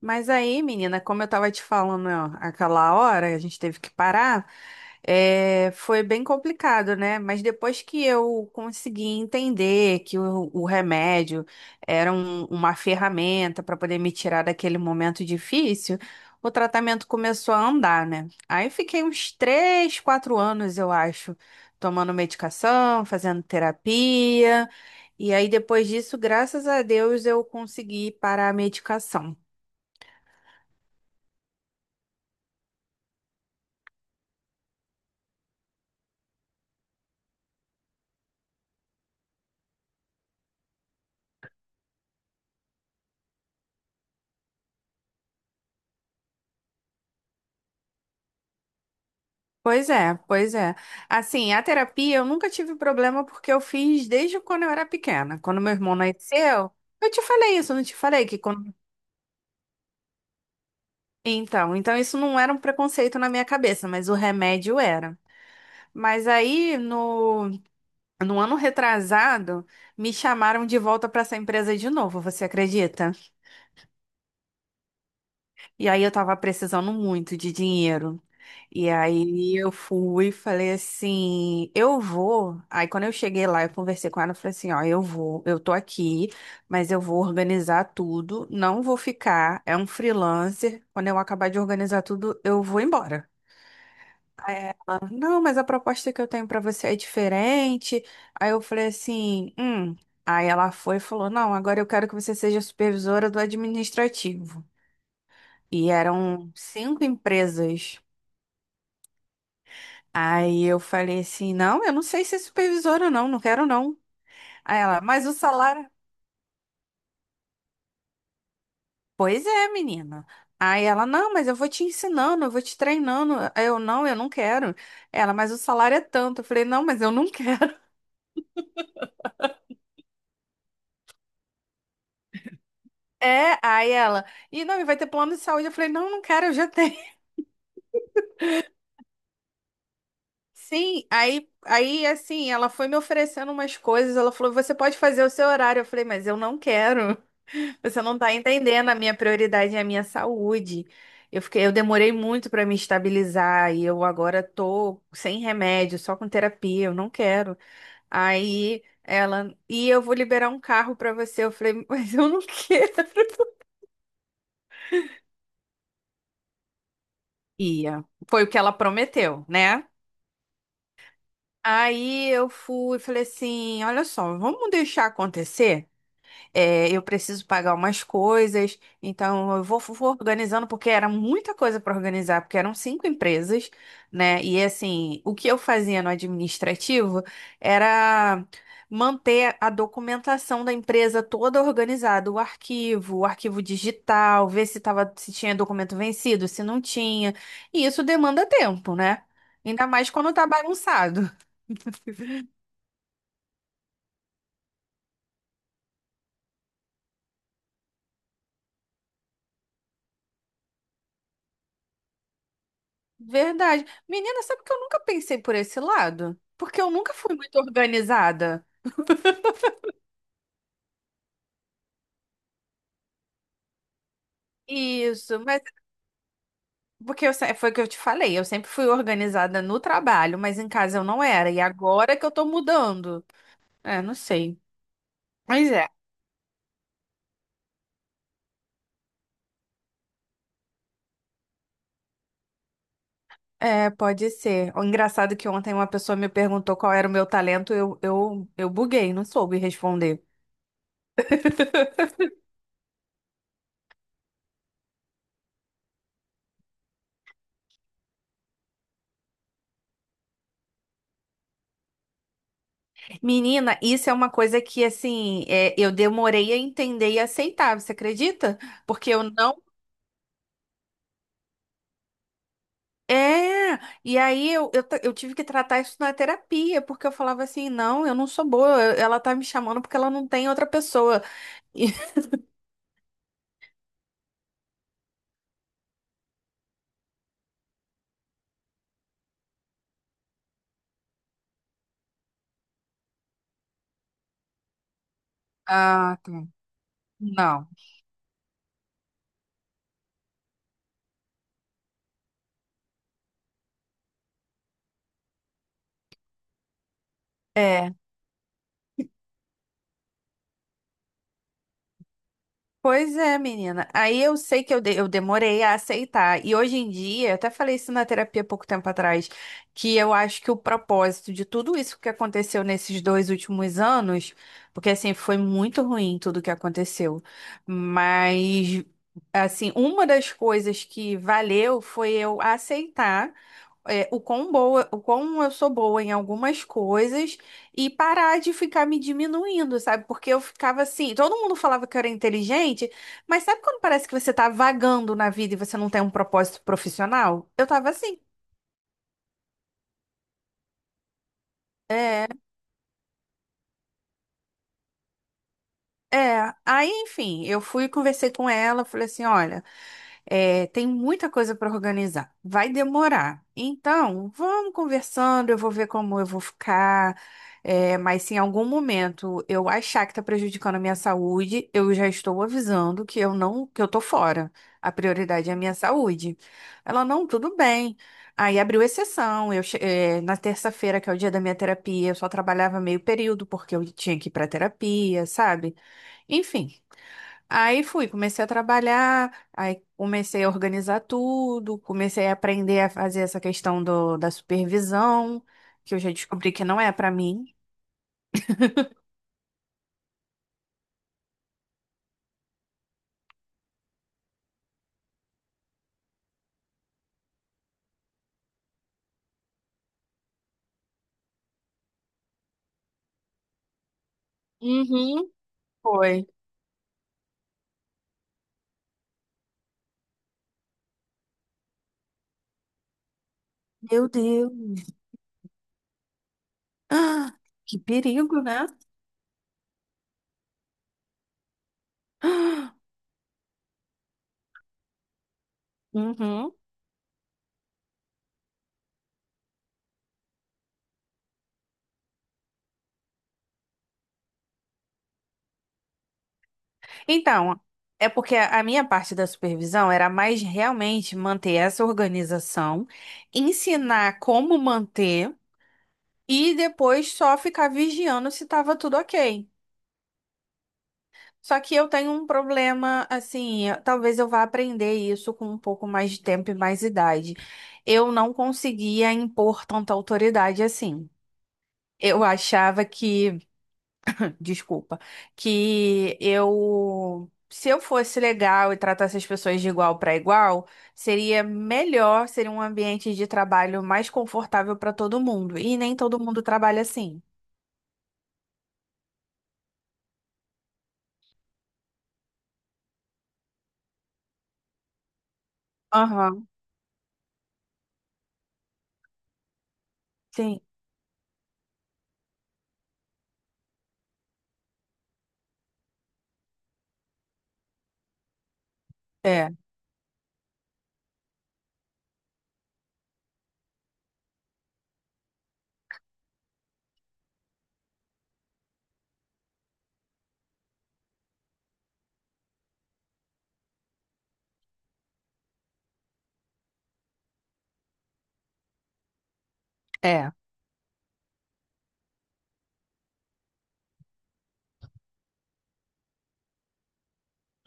Mas aí, menina, como eu tava te falando ó, aquela hora, a gente teve que parar, é, foi bem complicado, né? Mas depois que eu consegui entender que o remédio era uma ferramenta para poder me tirar daquele momento difícil, o tratamento começou a andar, né? Aí fiquei uns 3, 4 anos, eu acho, tomando medicação, fazendo terapia. E aí, depois disso, graças a Deus, eu consegui parar a medicação. Pois é, pois é. Assim, a terapia eu nunca tive problema porque eu fiz desde quando eu era pequena. Quando meu irmão nasceu, eu te falei isso, eu não te falei que quando... Então isso não era um preconceito na minha cabeça, mas o remédio era. Mas aí no, No ano retrasado, me chamaram de volta para essa empresa de novo, você acredita? E aí eu tava precisando muito de dinheiro. E aí eu fui e falei assim, eu vou. Aí quando eu cheguei lá, eu conversei com ela, eu falei assim, ó, eu vou, eu tô aqui, mas eu vou organizar tudo, não vou ficar, é um freelancer. Quando eu acabar de organizar tudo, eu vou embora. Aí ela, não, mas a proposta que eu tenho pra você é diferente. Aí eu falei assim. Aí ela foi e falou, não, agora eu quero que você seja supervisora do administrativo. E eram cinco empresas. Aí eu falei assim: não, eu não sei ser supervisora, não, não quero não. Aí ela, mas o salário. Pois é, menina. Aí ela, não, mas eu vou te ensinando, eu vou te treinando. Aí eu não quero. Ela, mas o salário é tanto. Eu falei, não, mas eu não quero. É, aí ela, e não, e vai ter plano de saúde. Eu falei, não, não quero, eu já tenho. Sim, aí, aí assim, ela foi me oferecendo umas coisas. Ela falou, você pode fazer o seu horário. Eu falei, mas eu não quero. Você não tá entendendo, a minha prioridade é a minha saúde. Eu fiquei, eu demorei muito para me estabilizar e eu agora tô sem remédio, só com terapia, eu não quero. Aí ela, e eu vou liberar um carro para você. Eu falei, mas eu não quero. Ia. Foi o que ela prometeu, né? Aí eu fui, e falei assim, olha só, vamos deixar acontecer? É, eu preciso pagar umas coisas, então eu vou, vou organizando, porque era muita coisa para organizar, porque eram cinco empresas, né? E assim, o que eu fazia no administrativo era manter a documentação da empresa toda organizada, o arquivo digital, ver se tava, se tinha documento vencido, se não tinha. E isso demanda tempo, né? Ainda mais quando tá bagunçado. Verdade. Menina, sabe que eu nunca pensei por esse lado? Porque eu nunca fui muito organizada. Isso, mas porque eu, se- foi o que eu te falei, eu sempre fui organizada no trabalho, mas em casa eu não era. E agora que eu tô mudando. É, não sei. Mas é. É, pode ser. O engraçado é que ontem uma pessoa me perguntou qual era o meu talento, eu buguei, não soube responder. Menina, isso é uma coisa que, assim, é, eu demorei a entender e aceitar, você acredita? Porque eu não é, e aí eu tive que tratar isso na terapia, porque eu falava assim, não, eu não sou boa, ela tá me chamando porque ela não tem outra pessoa. Ah, tá. Não. É. Pois é, menina. Aí eu sei que eu, de- eu demorei a aceitar. E hoje em dia, eu até falei isso na terapia pouco tempo atrás, que eu acho que o propósito de tudo isso que aconteceu nesses 2 últimos anos, porque assim, foi muito ruim tudo que aconteceu, mas assim, uma das coisas que valeu foi eu aceitar é, o quão boa, o quão eu sou boa em algumas coisas e parar de ficar me diminuindo, sabe? Porque eu ficava assim, todo mundo falava que eu era inteligente, mas sabe quando parece que você tá vagando na vida e você não tem um propósito profissional? Eu tava assim. É. É, aí, enfim, eu fui e conversei com ela, falei assim, olha, é, tem muita coisa para organizar, vai demorar. Então, vamos conversando, eu vou ver como eu vou ficar, é, mas se em algum momento eu achar que está prejudicando a minha saúde, eu já estou avisando que eu não, que eu tô fora. A prioridade é a minha saúde. Ela, não, tudo bem. Aí abriu exceção. Na terça-feira, que é o dia da minha terapia, eu só trabalhava meio período porque eu tinha que ir para terapia, sabe? Enfim, aí fui, comecei a trabalhar, aí comecei a organizar tudo, comecei a aprender a fazer essa questão da supervisão, que eu já descobri que não é pra mim. Uhum. Foi. Meu Deus. Ah, que perigo, né? Uhum. Então, é porque a minha parte da supervisão era mais realmente manter essa organização, ensinar como manter e depois só ficar vigiando se estava tudo ok. Só que eu tenho um problema, assim, talvez eu vá aprender isso com um pouco mais de tempo e mais idade. Eu não conseguia impor tanta autoridade assim. Eu achava que, desculpa, que eu, se eu fosse legal e tratasse as pessoas de igual para igual, seria melhor, seria um ambiente de trabalho mais confortável para todo mundo. E nem todo mundo trabalha assim. Aham, sim, é, é.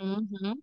Uhum.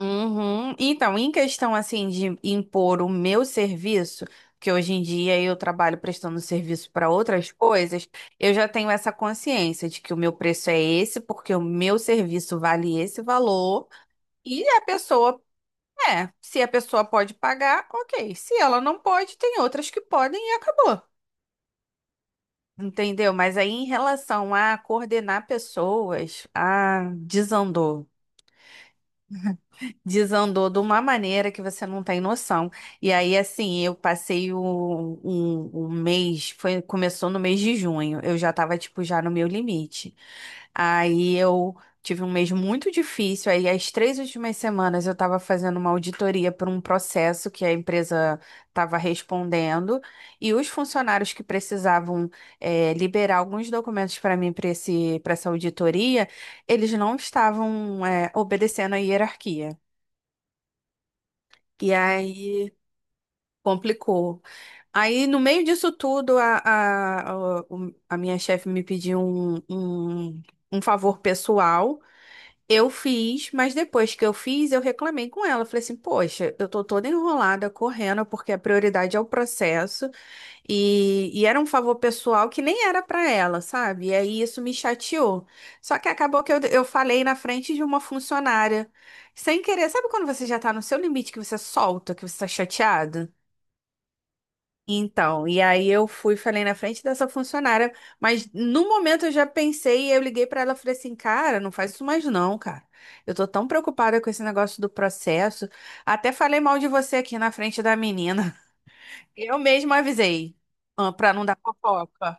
Uhum. Então, em questão assim de impor o meu serviço, que hoje em dia eu trabalho prestando serviço para outras coisas, eu já tenho essa consciência de que o meu preço é esse, porque o meu serviço vale esse valor, e a pessoa, é, se a pessoa pode pagar, ok. Se ela não pode, tem outras que podem e acabou. Entendeu? Mas aí em relação a coordenar pessoas, ah, desandou. Desandou de uma maneira que você não tem noção. E aí, assim, eu passei um mês, foi, começou no mês de junho, eu já tava, tipo, já no meu limite. Aí eu tive um mês muito difícil, aí as 3 últimas semanas eu tava fazendo uma auditoria por um processo que a empresa tava respondendo, e os funcionários que precisavam, liberar alguns documentos para mim, para essa auditoria, eles não estavam, obedecendo a hierarquia. E aí complicou. Aí, no meio disso tudo, a minha chefe me pediu um favor pessoal. Eu fiz, mas depois que eu fiz, eu reclamei com ela. Falei assim, poxa, eu tô toda enrolada, correndo, porque a prioridade é o processo. E era um favor pessoal que nem era pra ela, sabe? E aí isso me chateou. Só que acabou que eu falei na frente de uma funcionária, sem querer. Sabe quando você já tá no seu limite, que você solta, que você tá chateado? Então, e aí eu fui, falei na frente dessa funcionária, mas no momento eu já pensei, eu liguei pra ela e falei assim, cara, não faz isso mais não, cara. Eu tô tão preocupada com esse negócio do processo. Até falei mal de você aqui na frente da menina. Eu mesma avisei, ah, pra não dar fofoca.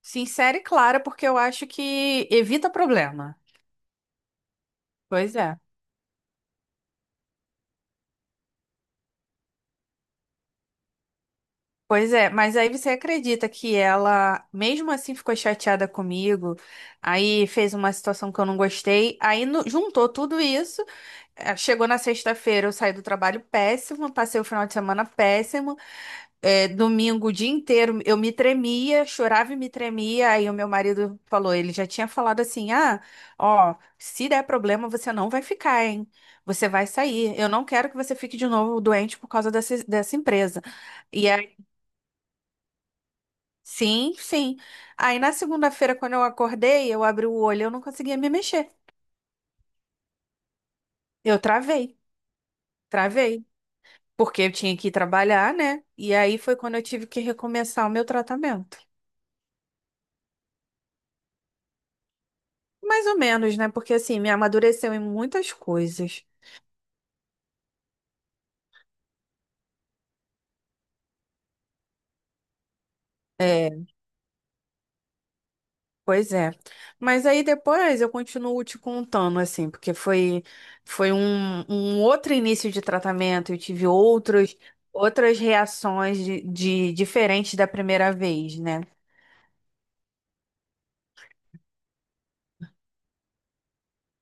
Sincera e clara, porque eu acho que evita problema. Pois é. Pois é, mas aí você acredita que ela, mesmo assim, ficou chateada comigo, aí fez uma situação que eu não gostei, aí no- juntou tudo isso, chegou na sexta-feira, eu saí do trabalho péssimo, passei o final de semana péssimo, domingo o dia inteiro eu me tremia, chorava e me tremia, aí o meu marido falou, ele já tinha falado assim, ah, ó, se der problema você não vai ficar, hein? Você vai sair, eu não quero que você fique de novo doente por causa dessa empresa. E Sim, sim. Aí na segunda-feira, quando eu acordei, eu abri o olho, eu não conseguia me mexer. Eu travei, travei, porque eu tinha que ir trabalhar, né? E aí foi quando eu tive que recomeçar o meu tratamento. Mais ou menos, né? Porque assim, me amadureceu em muitas coisas. É, pois é. Mas aí depois eu continuo te contando, assim, porque foi, foi um outro início de tratamento, eu tive outros, outras reações de diferentes da primeira vez, né?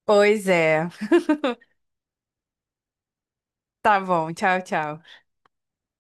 Pois é. Tá bom, tchau, tchau.